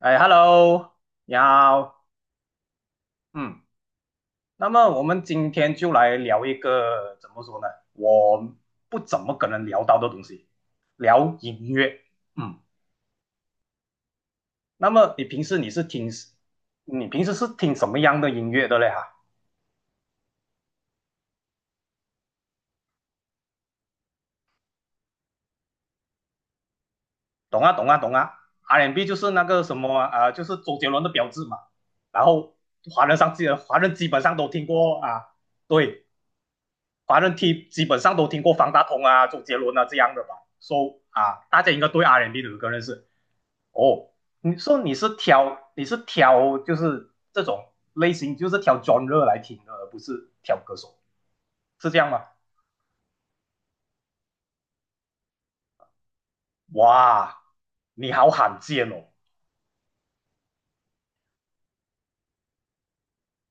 哎，Hello，你好，嗯，那么我们今天就来聊一个怎么说呢？我不怎么可能聊到的东西，聊音乐。嗯，那么你平时是听什么样的音乐的嘞？哈，懂啊，懂啊，懂啊。R&B 就是那个什么啊、就是周杰伦的标志嘛。然后华人基本上都听过啊，对，华人听基本上都听过方大同啊、周杰伦啊这样的吧，so 啊，大家应该对 R&B and B 的歌认识哦。你说你是挑就是这种类型，就是挑 genre 来听的，而不是挑歌手，是这样吗？哇，你好罕见哦！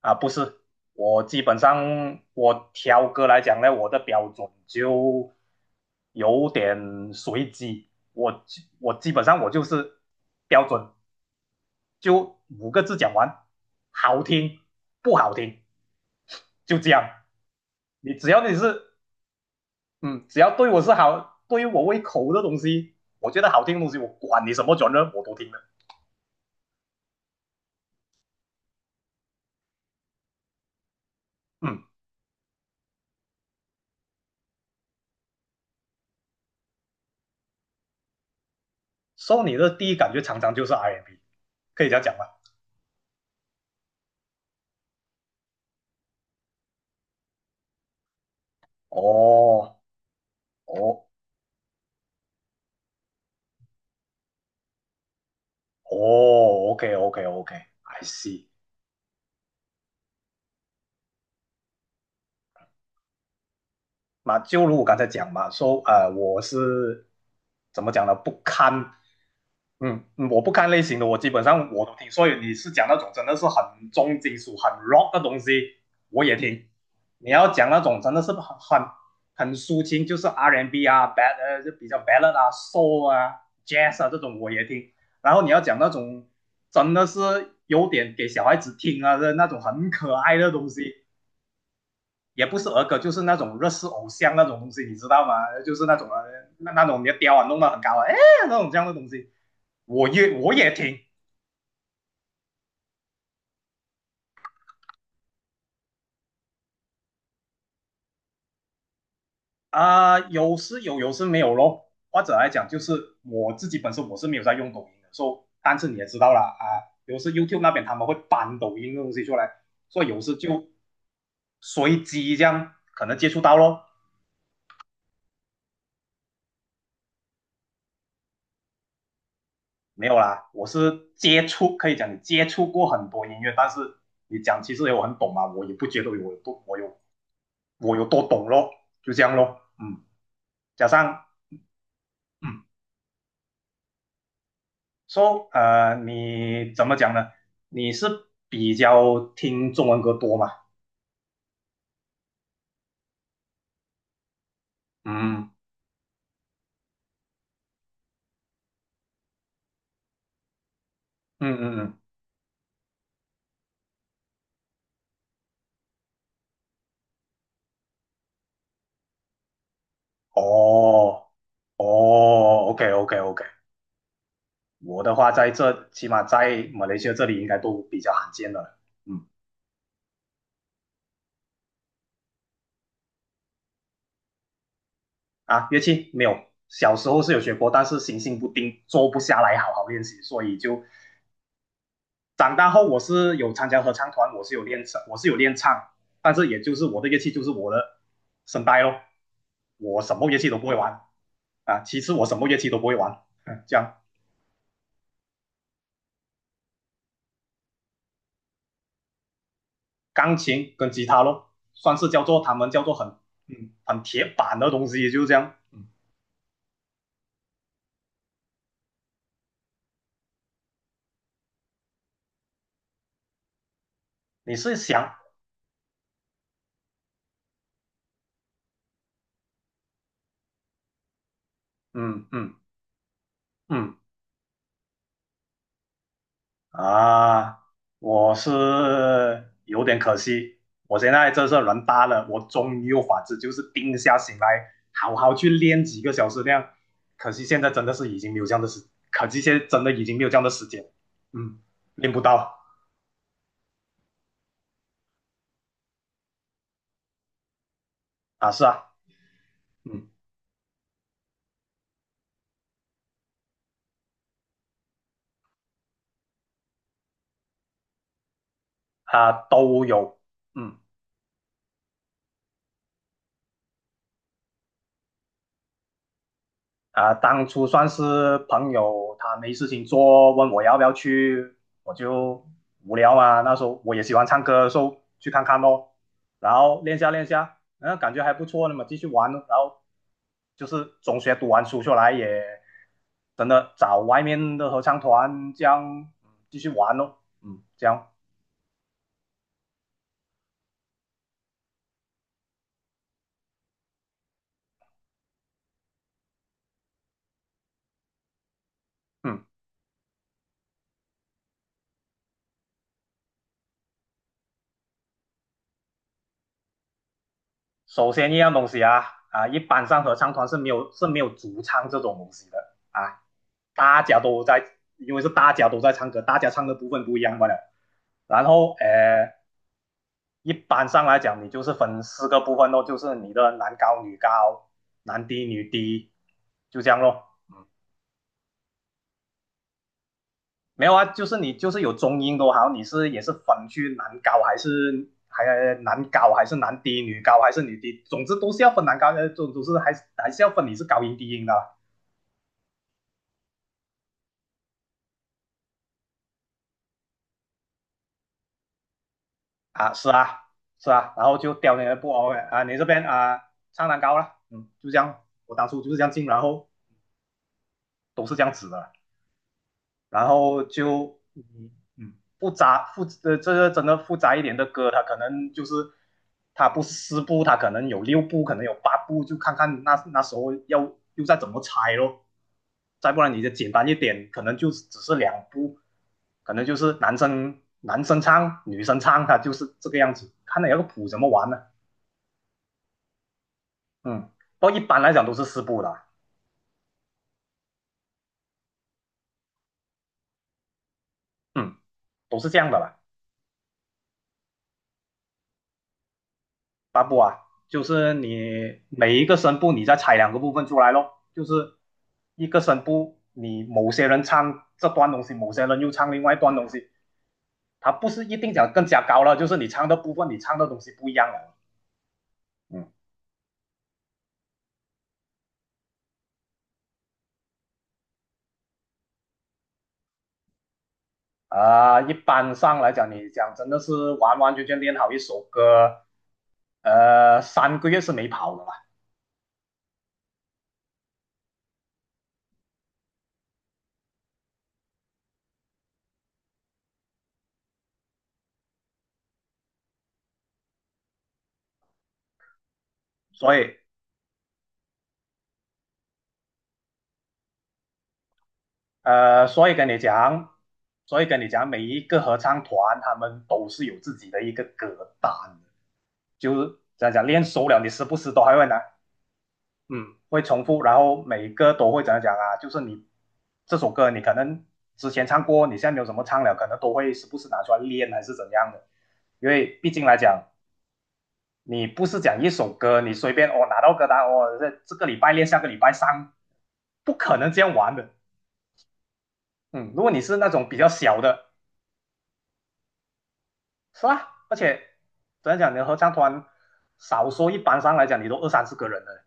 啊，不是，我基本上我挑歌来讲呢，我的标准就有点随机，我我基本上我就是标准就五个字讲完，好听不好听就这样。你只要你是嗯，只要对我是好，对于我胃口的东西，我觉得好听的东西，我管你什么 g e 我都听的。嗯说你的第一感觉常常就是 R&B，可以这样讲吗？哦哦哦，OK OK OK，I see。那就如我刚才讲嘛，说我是怎么讲呢？不堪我不看类型的，我基本上我都听。所以你是讲那种真的是很重金属、很 rock 的东西，我也听。你要讲那种真的是很抒情，就是 R&B 啊、就比较 ballad 啊、soul 啊、jazz 啊这种我也听。然后你要讲那种真的是有点给小孩子听啊的那种很可爱的东西，也不是儿歌，就是那种日式偶像那种东西，你知道吗？就是那种啊，那种你的雕啊弄得很高啊，哎那种这样的东西，我也听。啊，有时有，有时没有咯。或者来讲，就是我自己本身我是没有在用抖音的，所以但是你也知道啦啊，有时 YouTube 那边他们会搬抖音的东西出来，所以有时就随机这样可能接触到咯。没有啦，我是接触，可以讲你接触过很多音乐，但是你讲其实我很懂嘛，我也不觉得我有多懂咯，就这样咯。嗯，加上嗯，说你怎么讲呢？你是比较听中文歌多吗？嗯嗯嗯嗯，哦哦，OK OK OK，我的话在这起码在马来西亚这里应该都比较罕见了。嗯乐器没有，小时候是有学过，但是行性不定，坐不下来好好练习，所以就长大后我是有参加合唱团，我是有练唱，但是也就是我的乐器就是我的声带咯，我什么乐器都不会玩啊，其实我什么乐器都不会玩，这样钢琴跟吉他咯，算是叫做他们叫做很铁板的东西，就是这样，嗯，你是想嗯嗯嗯啊，我是有点可惜，我现在这是人大了，我终于有法子，就是定下心来，好好去练几个小时那样。可惜现在真的是已经没有这样的时，可惜现在真的已经没有这样的时间，嗯，练不到啊，是啊，嗯，啊都有，嗯。啊、当初算是朋友，他没事情做，问我要不要去，我就无聊嘛。那时候我也喜欢唱歌，说去看看咯，然后练下练下，感觉还不错，那嘛，继续玩咯。然后就是中学读完书出来也真的找外面的合唱团这样继续玩咯，嗯，这样，嗯。首先一样东西啊啊，一般上合唱团是没有主唱这种东西的啊，大家都在，因为是大家都在唱歌，大家唱的部分不一样罢了。然后一般上来讲，你就是分四个部分咯，就是你的男高女高、男低女低，就这样咯。没有啊，就是你就是有中音都好，你是也是分去男高还是男低女高还是女低，总之都是要分男高，总是还是要分你是高音低音的啊啊，是啊，是啊，然后就刁你的不偶啊，你这边啊唱蛋糕了，嗯，就这样，我当初就是这样进，然后都是这样子的，然后就嗯嗯复杂复呃这个真的复杂一点的歌，它可能就是它不是四部，它可能有六部，可能有八部，就看看那时候要又再怎么拆咯，再不然你就简单一点，可能就只是两部，可能就是男生唱，女生唱，它就是这个样子，看你要个谱怎么玩呢？嗯，不过一般来讲都是四步的，嗯，都是这样的啦，八步啊，就是你每一个声部你再拆两个部分出来咯，就是一个声部，你某些人唱这段东西，某些人又唱另外一段东西，它不是一定讲更加高了，就是你唱的部分，你唱的东西不一样了，嗯，啊、一般上来讲，你讲真的是完完全全练好一首歌，3个月是没跑的啦，所以呃，所以跟你讲，所以跟你讲，每一个合唱团他们都是有自己的一个歌单的就是怎样讲，练熟了，你时不时都还会拿，嗯，会重复，然后每一个都会怎样讲啊，就是你这首歌你可能之前唱过，你现在没有怎么唱了，可能都会时不时拿出来练还是怎样的，因为毕竟来讲，你不是讲一首歌，你随便哦拿到歌单哦，这个礼拜练，下个礼拜上，不可能这样玩的，嗯，如果你是那种比较小的。是啊，而且怎样讲，你的合唱团少说一般上来讲，你都二三十个人了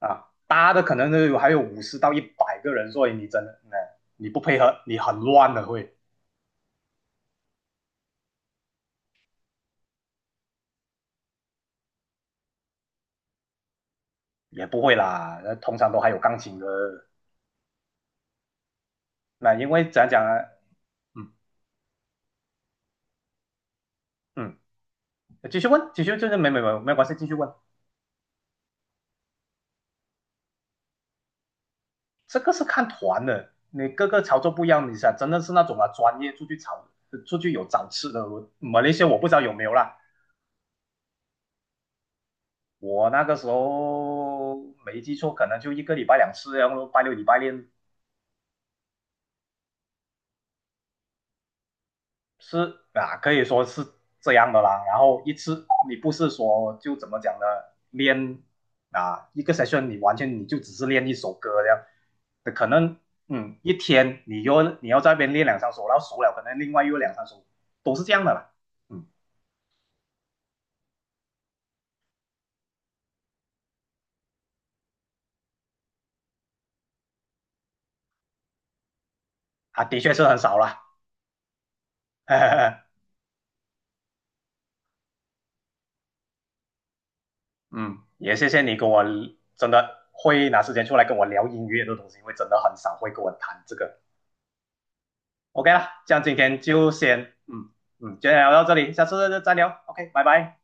啊，大的可能都有还有50到100个人，所以你真的，嗯，你不配合，你很乱的会，也不会啦，通常都还有钢琴的，那因为怎样讲呢？嗯嗯，继续问，继续就是没关系，继续问，这个是看团的，你各个操作不一样，你想真的是那种啊专业出去炒出去有找吃的，我马来西亚我不知道有没有啦。我那个时候没记错，可能就一个礼拜两次，然后拜六礼拜练是啊，可以说是这样的啦。然后一次你不是说就怎么讲呢？练啊一个 session 你完全你就只是练一首歌这样，可能一天你要在那边练两三首，然后熟了可能另外又两三首，都是这样的啦。嗯啊，的确是很少啦。嗯，也谢谢你跟我真的会拿时间出来跟我聊音乐的东西，因为真的很少会跟我谈这个。OK 啦，这样今天就先今就聊到这里，下次再聊。OK，拜拜。